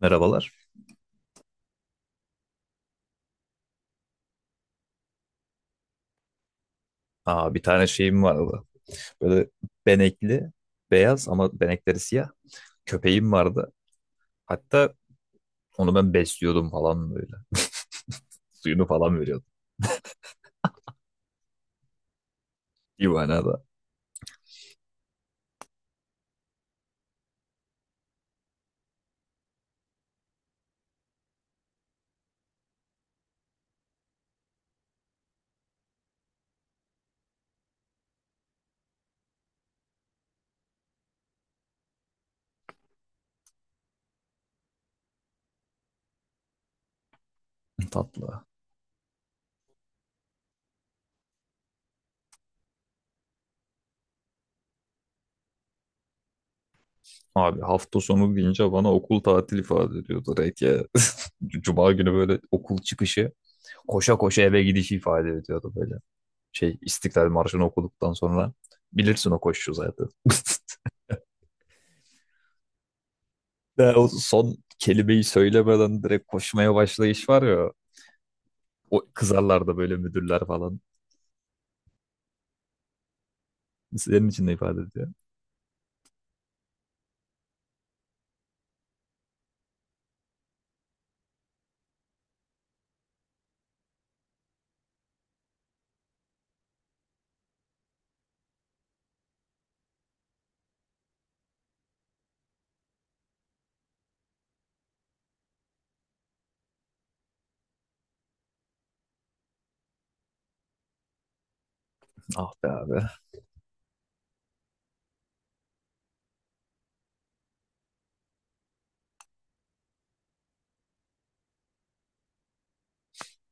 Merhabalar. Aa, bir tane şeyim vardı. Böyle benekli, beyaz ama benekleri siyah. Köpeğim vardı. Hatta onu ben besliyordum falan böyle. Suyunu falan veriyordum. Bir manada tatlı. Abi hafta sonu deyince bana okul tatil ifade ediyordu direkt ya. Cuma günü böyle okul çıkışı koşa koşa eve gidişi ifade ediyordu böyle. Şey İstiklal Marşı'nı okuduktan sonra bilirsin o koşu zaten. Ya o son kelimeyi söylemeden direkt koşmaya başlayış var ya. O kızarlar da böyle müdürler falan. Senin için de ifade ediyor. Ah be abi.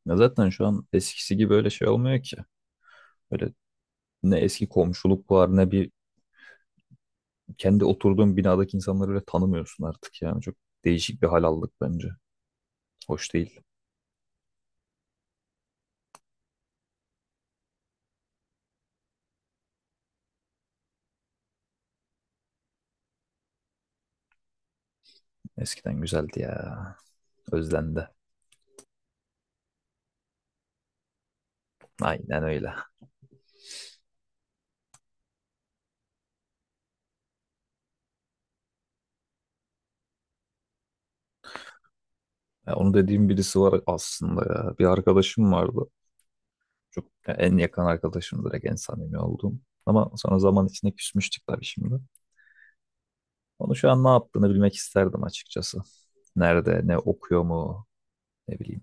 Ya zaten şu an eskisi gibi öyle şey olmuyor ki. Böyle ne eski komşuluk var ne bir kendi oturduğun binadaki insanları öyle tanımıyorsun artık yani. Çok değişik bir hal aldık bence. Hoş değil. Eskiden güzeldi ya. Özlendi. Aynen öyle. Ya onu dediğim birisi var aslında ya. Bir arkadaşım vardı. Çok ya en yakın arkadaşım direkt en samimi olduğum. Ama sonra zaman içinde küsmüştük tabii şimdi. Onu şu an ne yaptığını bilmek isterdim açıkçası. Nerede, ne okuyor mu, ne bileyim.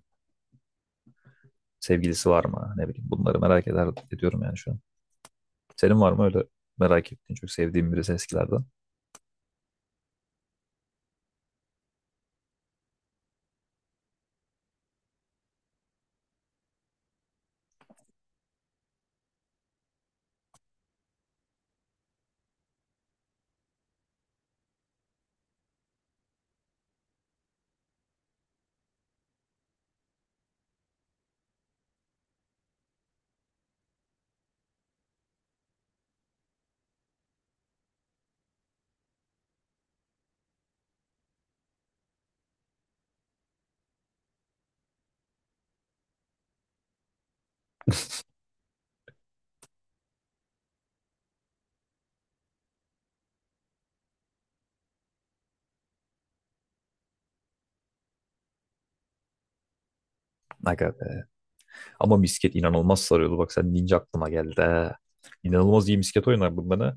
Sevgilisi var mı, ne bileyim. Bunları merak eder, ediyorum yani şu an. Senin var mı öyle merak ettiğin çok sevdiğin birisi eskilerden? Aga be. Ama misket inanılmaz sarıyordu. Bak sen deyince aklıma geldi. He. İnanılmaz iyi misket oynardım ben. He.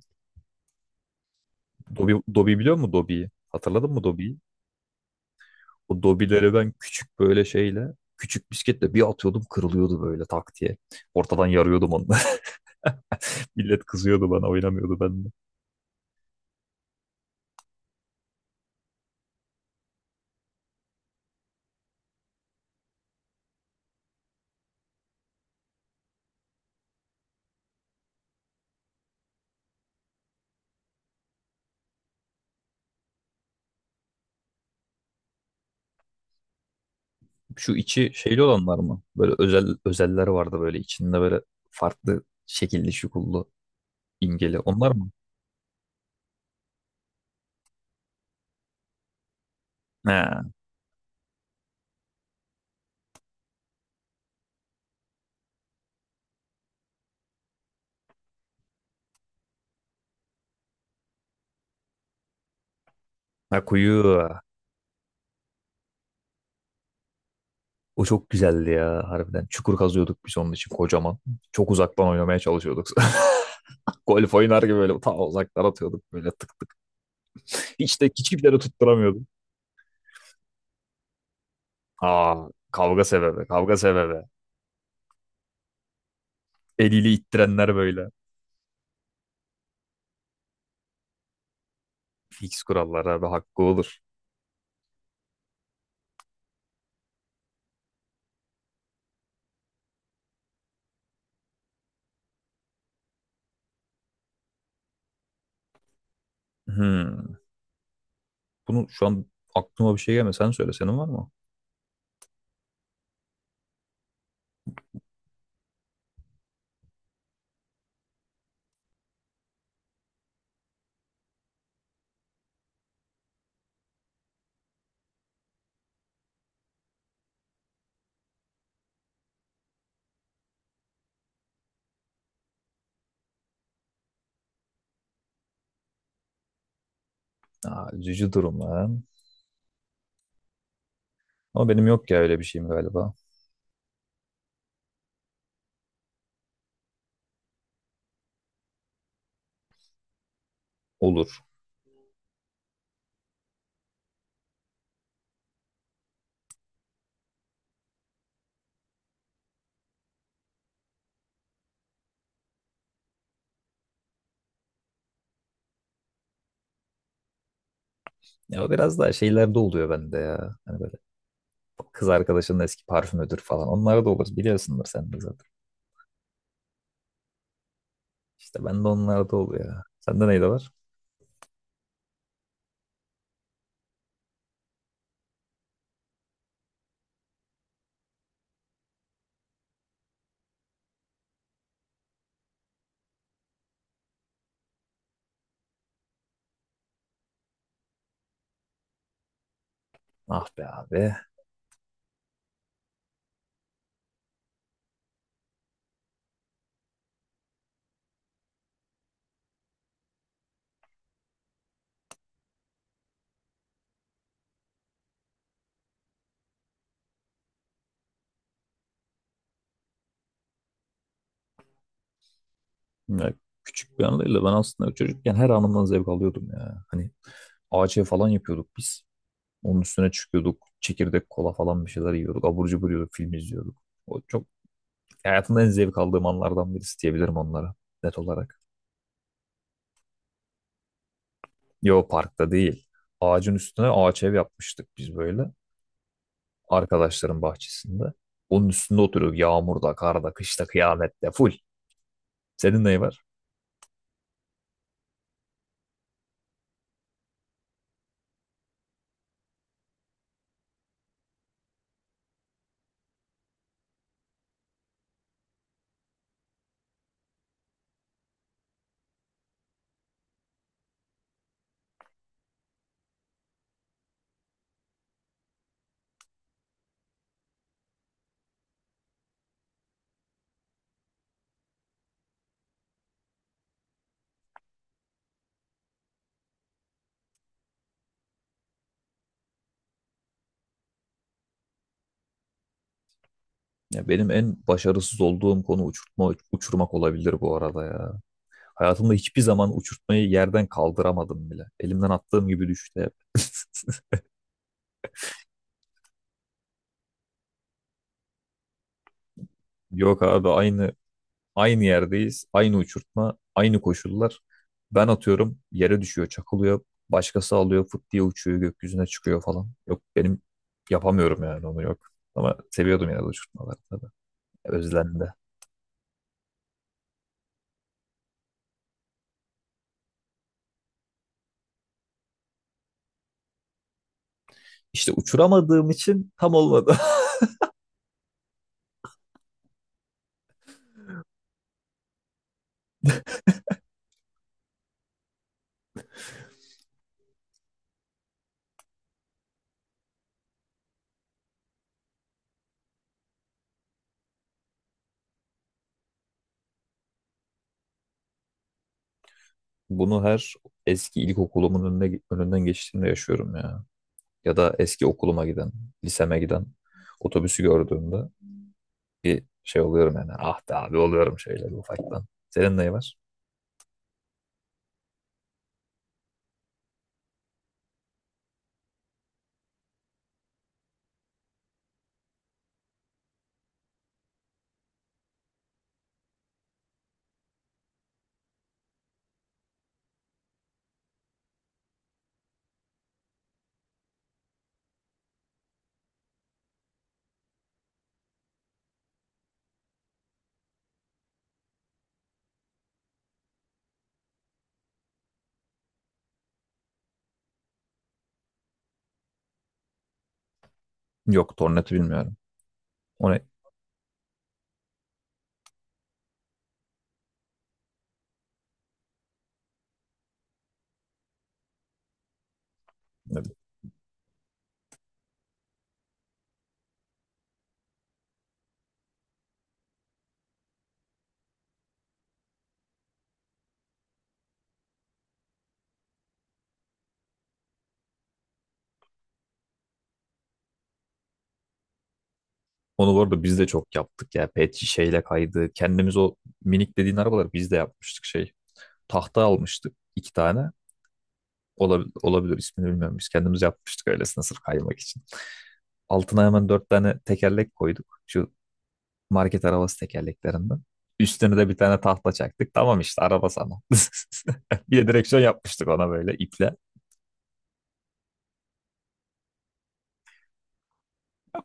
Dobi, Dobi biliyor musun Dobi'yi? Hatırladın mı Dobi'yi? O Dobi'leri ben küçük böyle şeyle, küçük misketle bir atıyordum kırılıyordu böyle tak diye. Ortadan yarıyordum onu. Millet kızıyordu bana oynamıyordu ben. Şu içi şeyli olanlar mı? Böyle özel özeller vardı böyle içinde böyle farklı şekilli şukullu imgeli. Onlar mı? He. Ha, kuyu. O çok güzeldi ya harbiden. Çukur kazıyorduk biz onun için kocaman. Çok uzaktan oynamaya çalışıyorduk. Golf oynar gibi böyle ta uzaktan atıyorduk böyle tık tık. Hiç de hiçbirleri tutturamıyordum. Aa, kavga sebebi kavga sebebi. Eliyle ittirenler böyle. Fix kurallar abi hakkı olur. Hmm. Bunu şu an aklıma bir şey gelmiyor. Sen söyle senin var mı? Aa, üzücü durum lan. Ama benim yok ya öyle bir şeyim galiba. Olur. Ya o biraz daha şeylerde oluyor bende ya. Hani böyle kız arkadaşının eski parfümüdür falan. Onlar da olur. Biliyorsundur sen de zaten. İşte bende onlar da oluyor ya. Sende neydi var? Ah be abi. Ya, küçük bir anıyla ben aslında çocukken her anımdan zevk alıyordum ya. Hani ağaçya falan yapıyorduk biz. Onun üstüne çıkıyorduk. Çekirdek kola falan bir şeyler yiyorduk. Abur cubur yiyorduk. Film izliyorduk. O çok hayatımda en zevk aldığım anlardan birisi diyebilirim onlara. Net olarak. Yo parkta değil. Ağacın üstüne ağaç ev yapmıştık biz böyle. Arkadaşların bahçesinde. Onun üstünde oturuyoruz. Yağmurda, karda, kışta, kıyamette full. Senin neyi var? Ya benim en başarısız olduğum konu uçurtma, uçurmak olabilir bu arada ya. Hayatımda hiçbir zaman uçurtmayı yerden kaldıramadım bile. Elimden attığım gibi düştü hep. Yok abi, aynı yerdeyiz, aynı uçurtma, aynı koşullar. Ben atıyorum, yere düşüyor, çakılıyor. Başkası alıyor, fıt diye uçuyor, gökyüzüne çıkıyor falan. Yok benim yapamıyorum yani onu yok. Ama seviyordum yine de uçurtmaları tabii. Özlendi. İşte uçuramadığım için tam olmadı. Bunu her eski ilkokulumun önüne, önünden geçtiğimde yaşıyorum ya. Ya da eski okuluma giden, liseme giden otobüsü gördüğümde bir şey oluyorum yani. Ah be abi oluyorum şeyler ufaktan. Senin neyi var? Yok, Tornat'ı bilmiyorum. Onu, onu bu arada biz de çok yaptık ya. Pet şişeyle kaydı. Kendimiz o minik dediğin arabaları biz de yapmıştık şey. Tahta almıştık iki tane. Olabilir, olabilir ismini bilmiyorum. Biz kendimiz yapmıştık öylesine sırf kaymak için. Altına hemen dört tane tekerlek koyduk. Şu market arabası tekerleklerinden. Üstüne de bir tane tahta çaktık. Tamam işte araba sana. Bir de direksiyon yapmıştık ona böyle iple.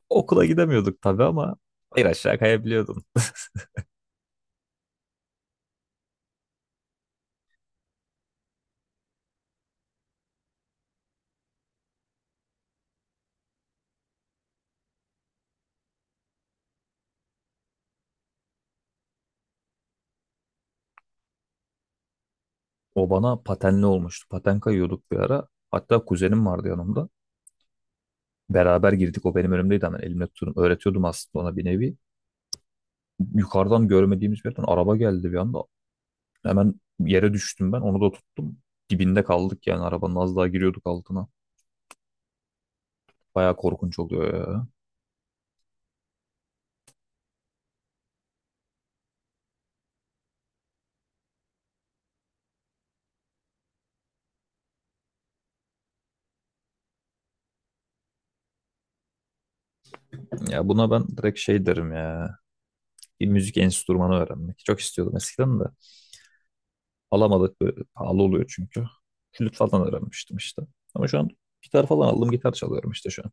Okula gidemiyorduk tabii ama bir aşağı kayabiliyordun. O bana patenli olmuştu. Paten kayıyorduk bir ara. Hatta kuzenim vardı yanımda. Beraber girdik. O benim önümdeydi hemen elimle tutuyordum. Öğretiyordum aslında ona bir nevi. Yukarıdan görmediğimiz bir yerden araba geldi bir anda. Hemen yere düştüm ben. Onu da tuttum. Dibinde kaldık yani arabanın az daha giriyorduk altına. Baya korkunç oluyor ya. Ya buna ben direkt şey derim ya. Bir müzik enstrümanı öğrenmek. Çok istiyordum eskiden de. Alamadık. Böyle pahalı oluyor çünkü. Flüt falan öğrenmiştim işte. Ama şu an gitar falan aldım. Gitar çalıyorum işte şu an.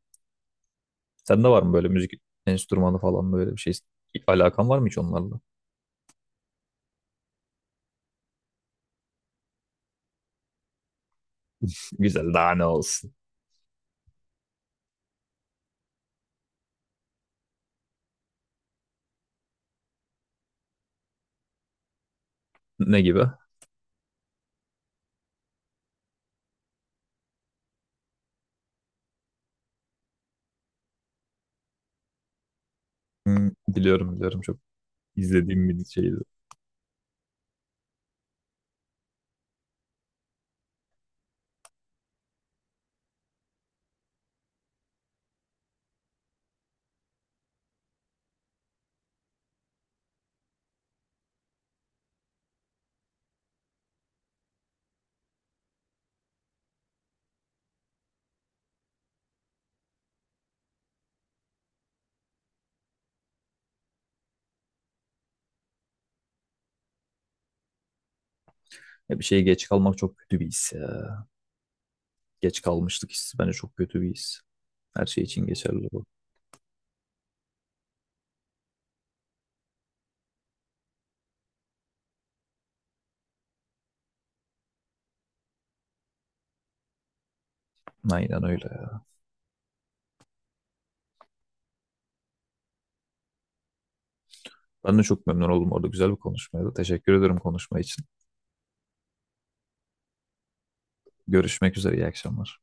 Sende var mı böyle müzik enstrümanı falan böyle bir şey? Alakan var mı hiç onlarla? Güzel, daha ne olsun. Ne gibi? Hmm, biliyorum biliyorum çok izlediğim bir şeydi. Ya bir şeye geç kalmak çok kötü bir his ya. Geç kalmışlık hissi bence çok kötü bir his. Her şey için geçerli bu. Aynen öyle ya. Ben de çok memnun oldum orada. Güzel bir konuşmaydı. Teşekkür ederim konuşma için. Görüşmek üzere. İyi akşamlar.